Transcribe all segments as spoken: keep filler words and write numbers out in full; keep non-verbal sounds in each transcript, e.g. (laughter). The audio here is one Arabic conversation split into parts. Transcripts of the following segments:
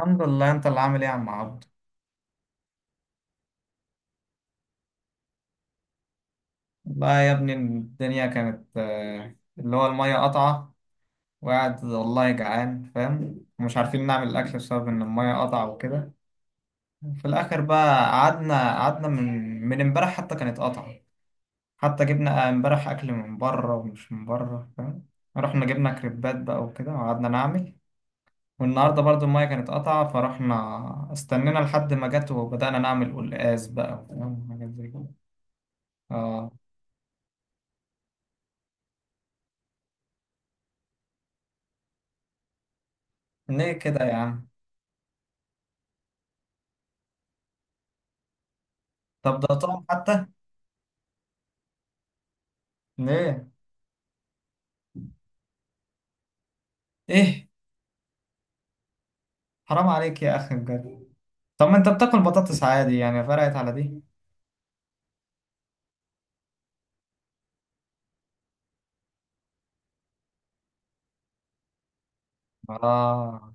الحمد لله، انت اللي عامل ايه يا عم عبد؟ والله يا ابني الدنيا كانت آه، اللي هو المية قطعة. وقاعد والله جعان فاهم ومش عارفين نعمل الاكل بسبب ان المية قطعة وكده. في الاخر بقى قعدنا قعدنا من من امبارح حتى كانت قطعة. حتى جبنا آه، امبارح اكل من بره ومش من بره فاهم. رحنا جبنا كريبات بقى وكده وقعدنا نعمل. والنهارده برضو المية كانت قطعة فرحنا استنينا لحد ما جت وبدأنا نعمل قلقاس بقى وفاهم حاجات زي كده. اه. ليه كده يا عم؟ طب ده طعم حتى. ليه؟ ايه؟ حرام عليك يا اخي بجد. طب ما انت بتاكل بطاطس عادي يعني فرقت على دي. اه.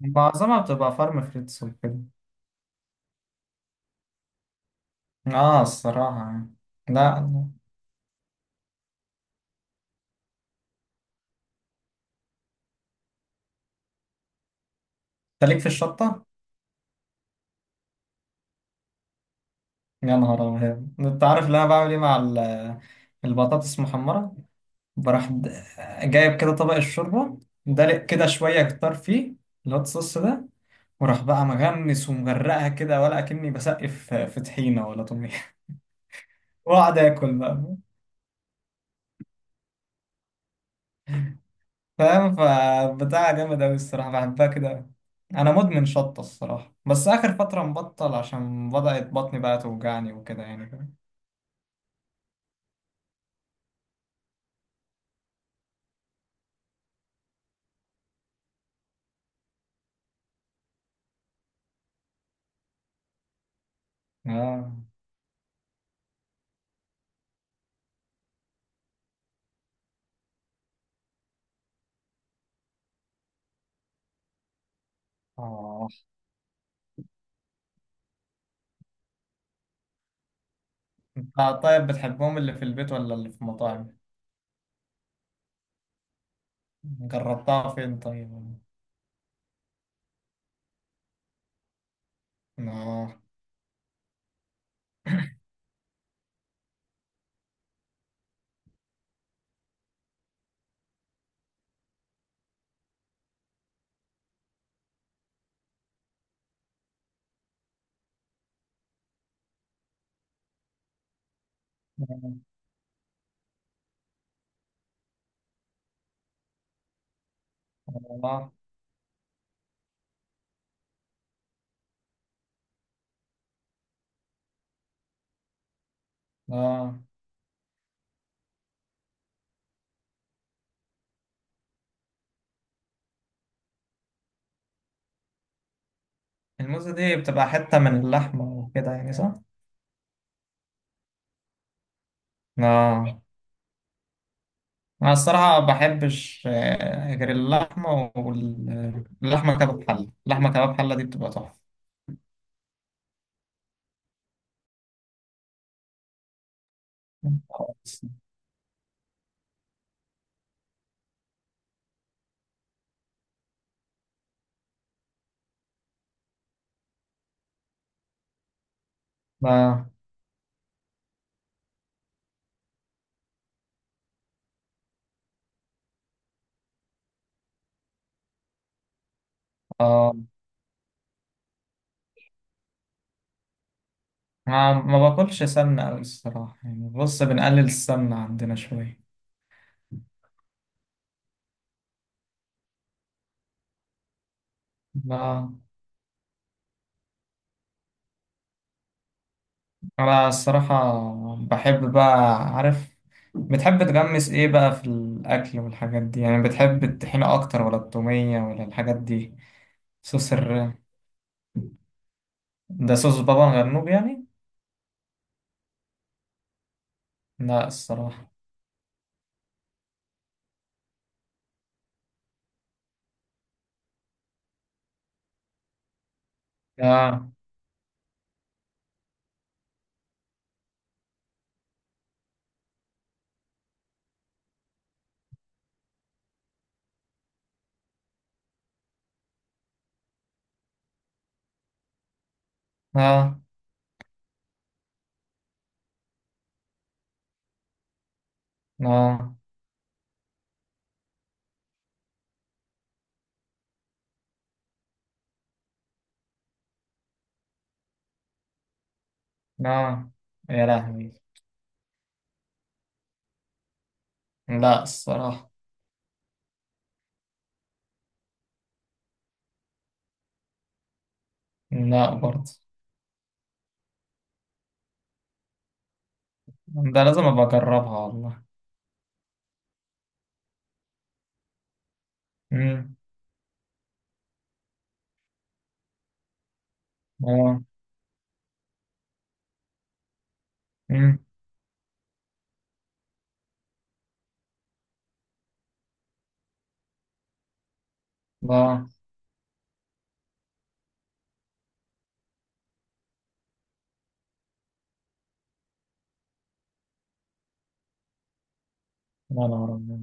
معظمها بتبقى فارم فريتس وكده. اه الصراحة يعني. لا انت. ليك في الشطة. يا نهار ابيض، انت عارف اللي انا بعمل ايه مع ال- البطاطس المحمرة؟ بروح د- جايب كده طبق الشوربة. دلق كده شوية كتار فيه الهوت صوص ده. وراح بقى مغمس ومغرقها كده ولا اكني بسقف في طحينة ولا طمية (laughs) واقعد اكل بقى. فاهم فبتاع جامد أوي الصراحة، بحبها كده أوي. أنا مدمن شطة الصراحة، بس آخر فترة مبطل عشان بدأت بطني بقى توجعني وكده يعني فاهم. آه. آه. أنت. طيب بتحبهم اللي في البيت ولا اللي في المطاعم؟ جربتها فين طيب؟ آه. آه. آه. الموزة دي بتبقى حتة من اللحمة وكده يعني صح؟ آه. أنا الصراحة ما بحبش آه، غير اللحمة، واللحمة كباب حلة. اللحمة كباب حلة دي بتبقى تحفة. خالص. ما. آه. ما ما باكلش سمنة أوي الصراحة يعني. بص، بنقلل السمنة عندنا شوية. ما أنا الصراحة بحب بقى عارف. بتحب تغمس إيه بقى في الأكل والحاجات دي؟ يعني بتحب الطحينة أكتر ولا التومية ولا الحاجات دي؟ صوص الر. ده صوص بابا غنوج يعني؟ لا الصراحة. لا لا لا لا. يا لهوي. لا الصراحة. لا برضه. ده لازم أبقى أجربها والله. مم. اه. مم. لا لا لا لا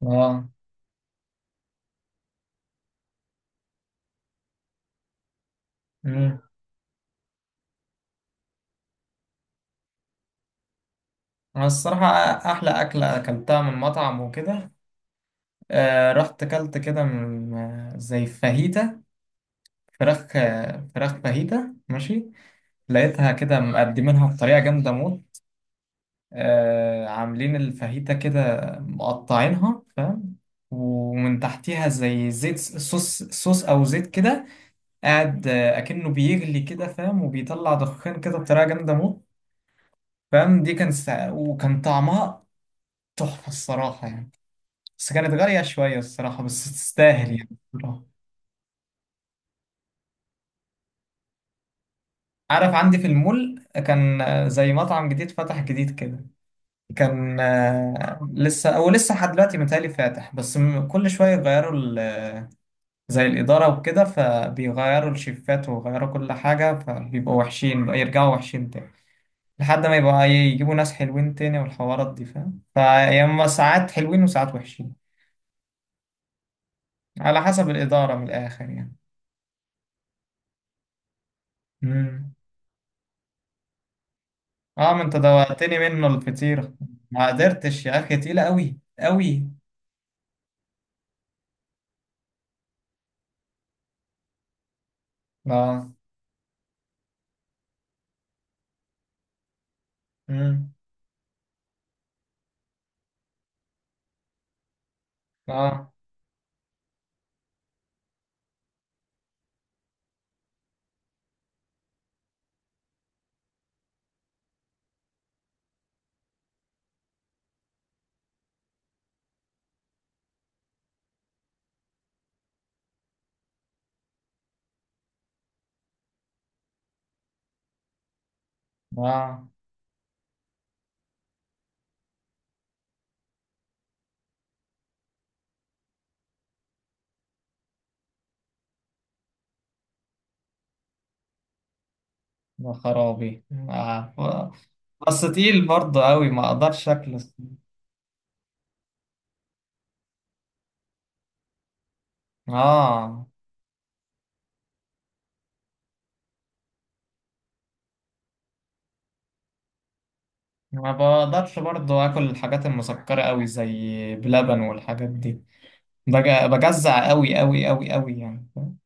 لا. مم. انا الصراحه احلى اكله اكلتها من مطعم وكده. آه، رحت اكلت كده من آه، زي فاهيتا. فراخ آه، فراخ فاهيتا ماشي. لقيتها كده مقدمينها بطريقه جامده موت. آه، عاملين الفاهيتا كده مقطعينها فاهم. ومن تحتيها زي زيت صوص صوص او زيت كده. قاعد آه، اكنه بيغلي كده فاهم، وبيطلع دخان كده بطريقه جامده موت. فاهم، دي كان سا... وكان طعمها تحفة الصراحة يعني. بس كانت غالية شوية الصراحة، بس تستاهل يعني الصراحة. عارف عندي في المول كان آه، زي مطعم جديد فتح جديد كده. كان آه، لسه او لسه لحد دلوقتي متهيألي فاتح، بس م- كل شوية يغيروا ال... زي الإدارة وكده، فبيغيروا الشيفات ويغيروا كل حاجة، فبيبقوا وحشين بقى يرجعوا وحشين تاني. لحد ما يبقى يجيبوا ناس حلوين تاني والحوارات دي فاهم، فيا إما ساعات حلوين وساعات وحشين. على حسب الإدارة من الآخر يعني. مم. اه، ما انت دوقتني منه الفطير. ما قدرتش يا اخي، تقيله قوي قوي. اه. مم. اه. اه. يا خرابي. آه. ف-. بس تقيل برضه قوي، ما اقدرش اكله. اه. ما بقدرش برضه اكل الحاجات المسكره قوي زي بلبن والحاجات دي. بج- بجزع قوي قوي قوي قوي يعني فاهم؟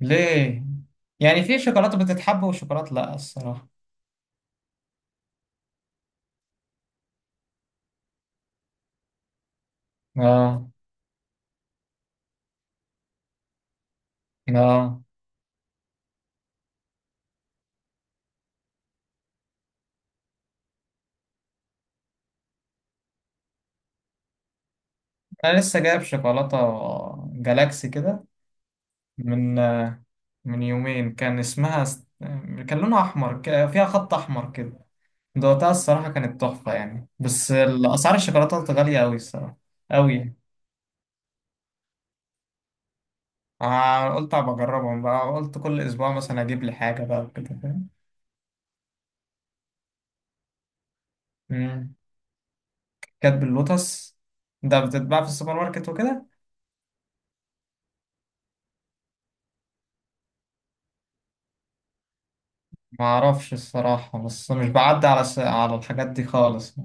ليه؟ يعني في شوكولاته بتتحب وشوكولاته لا الصراحه. اه. اه. انا لسه جايب شوكولاته جالاكسي كده. من من يومين كان اسمها س-. كان لونها احمر ك- فيها خط احمر كده. دوقتها الصراحه كانت تحفه يعني، بس اسعار الشوكولاته غاليه قوي الصراحه. قوي. آه، قلت ابقى اجربهم بقى، قلت كل اسبوع مثلا اجيب لي حاجه بقى وكده فاهم. مم. كانت باللوتس. ده بتتباع في السوبر ماركت وكده. ما اعرفش الصراحه، بس مش بعدي على س... على الحاجات دي خالص.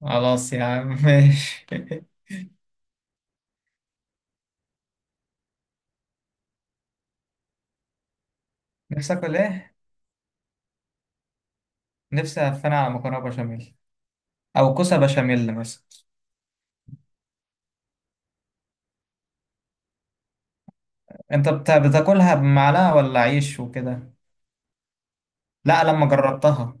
خلاص يا عم ماشي (laughs) نفسك ولا ايه؟ نفسي أفنى على مكرونة بشاميل. أو كوسة بشاميل مثلا. أنت بتا- بتاكلها بمعلقة ولا عيش وكده؟ لا لما جربتها.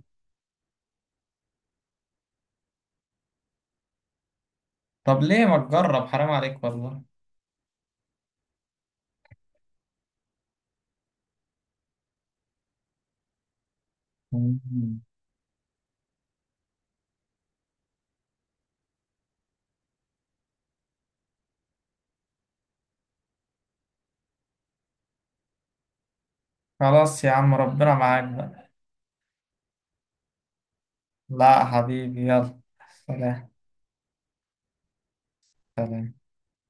طب ليه ما تجرب؟ حرام عليك والله. مم. خلاص يا عم ربنا معاك بقى. لا حبيبي يلا. سلام. سلام.